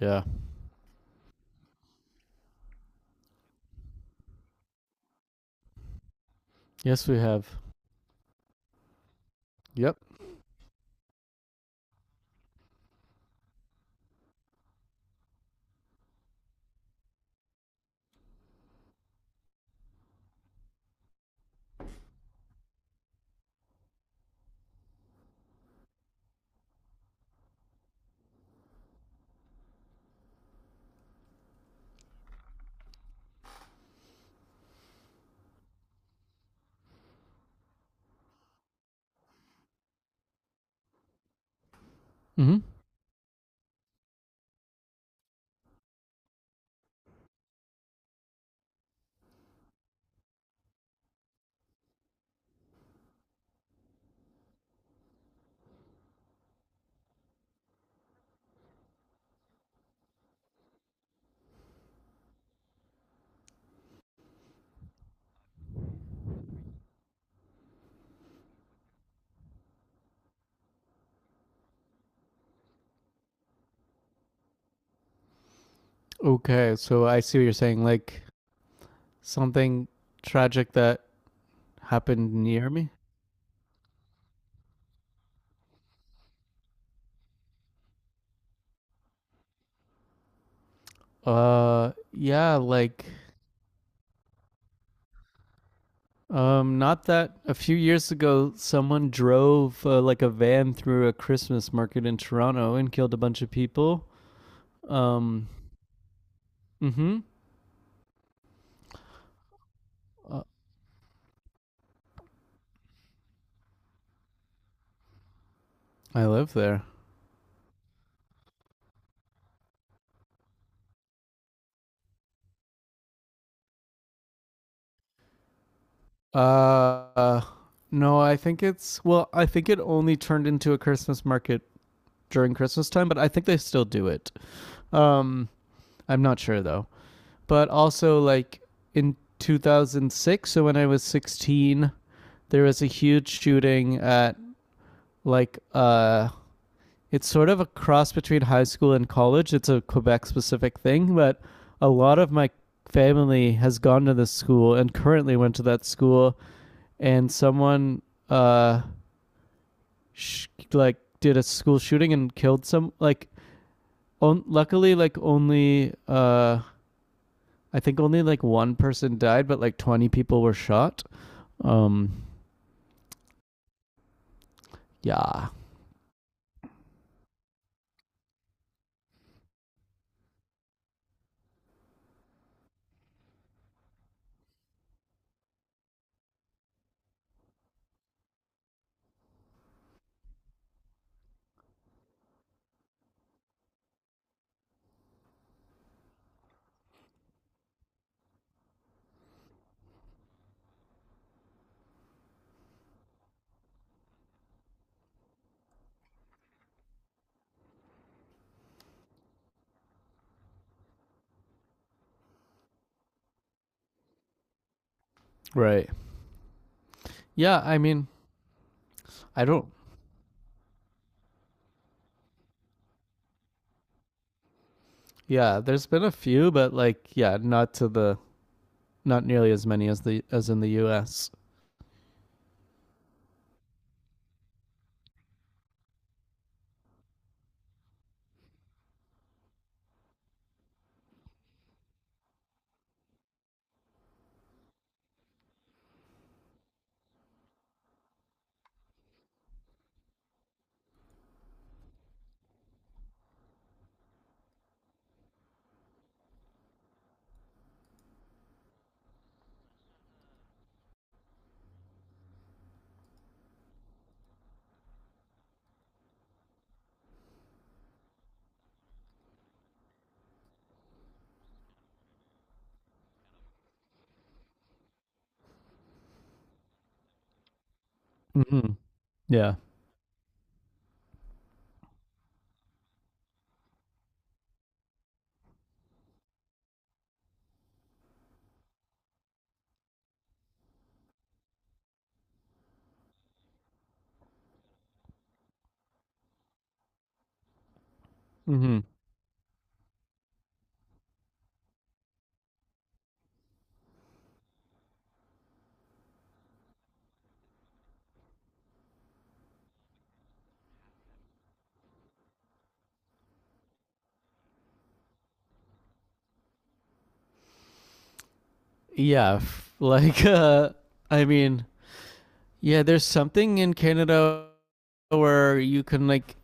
Yeah. Yes, we have. Yep. Hmm. Okay, so I see what you're saying. Like something tragic that happened near me. Yeah, like not that a few years ago someone drove like a van through a Christmas market in Toronto and killed a bunch of people. Um, mm-hmm. Uh, I live there. Uh, no, I think it's well, I think it only turned into a Christmas market during Christmas time, but I think they still do it. Um, I'm not sure though. But also, like in 2006, so when I was 16, there was a huge shooting at like it's sort of a cross between high school and college. It's a Quebec specific thing, but a lot of my family has gone to this school and currently went to that school, and someone uh, sh- like did a school shooting and killed some like. On, luckily, like only I think only like one person died, but like 20 people were shot. Um, yeah. Right. Yeah. I mean, I don't, yeah, there's been a few, but like, yeah, not to not nearly as many as as in the US. Mm-hmm. Yeah. Mm-hmm. Yeah. Like, I mean, yeah, there's something in Canada where you can like,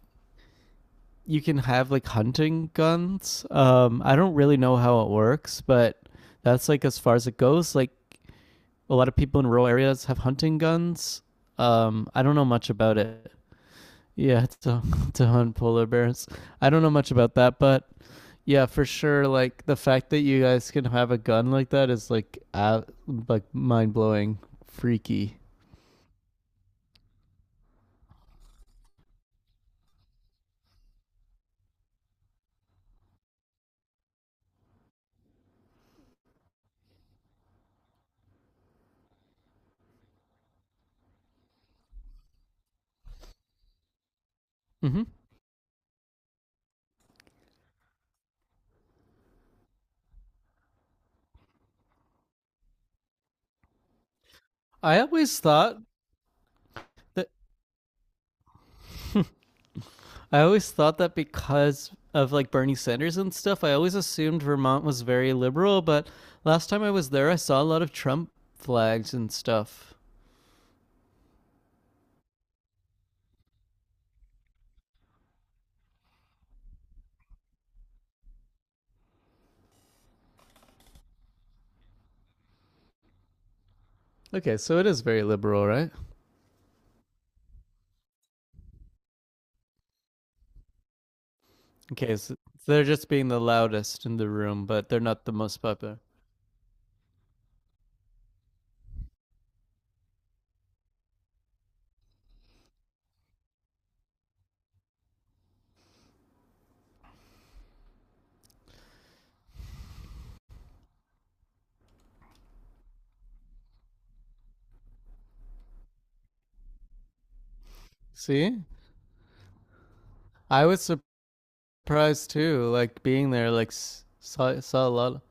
you can have like hunting guns. I don't really know how it works, but that's like as far as it goes. Like, a lot of people in rural areas have hunting guns. I don't know much about it. Yeah, to hunt polar bears. I don't know much about that, but yeah, for sure. Like the fact that you guys can have a gun like that is like mind blowing, freaky. Hmm. I always thought that I always thought that because of like Bernie Sanders and stuff, I always assumed Vermont was very liberal. But last time I was there, I saw a lot of Trump flags and stuff. Okay, so it is very liberal, right? Okay, so they're just being the loudest in the room, but they're not the most popular. See? I was surprised too, like being there, like saw a lot.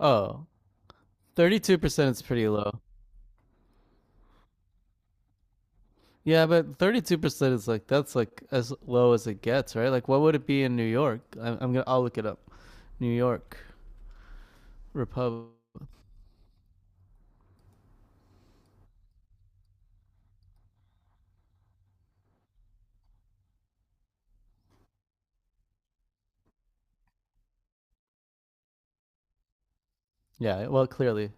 Oh, 32% is pretty low. Yeah, but 32% is like, that's like as low as it gets, right? Like, what would it be in New York? I'm gonna, I'll look it up. New York, Republic. Yeah, well, clearly.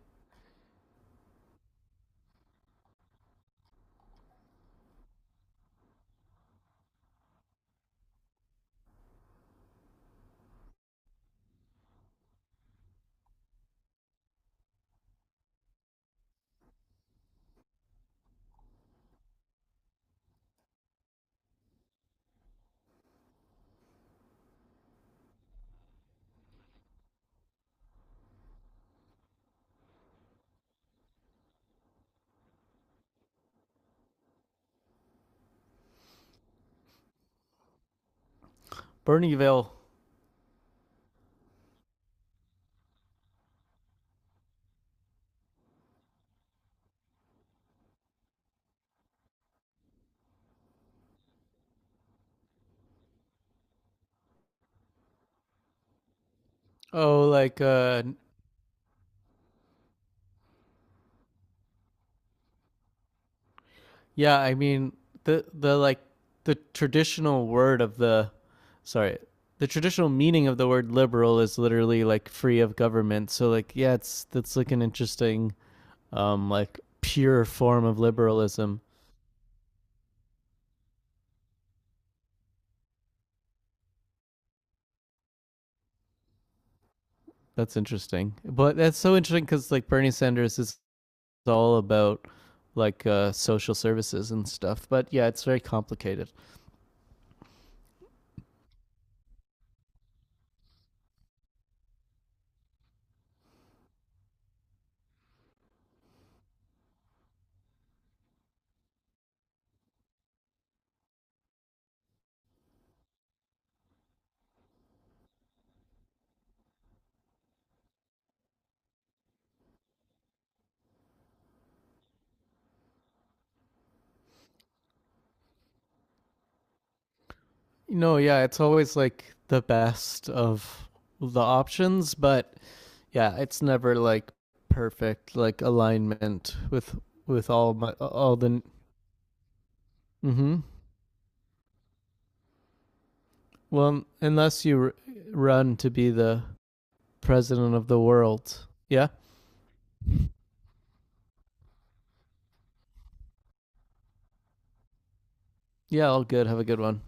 Bernieville. Oh, like yeah, I mean the like the traditional word of the sorry, the traditional meaning of the word liberal is literally like free of government. So like yeah, it's that's like an interesting like pure form of liberalism. That's interesting. But that's so interesting cuz like Bernie Sanders is all about like social services and stuff. But yeah, it's very complicated. You know, yeah, it's always like the best of the options, but yeah, it's never like perfect like alignment with all the mm-hmm. Well, unless you run to be the president of the world. Yeah. Yeah, all good. Have a good one.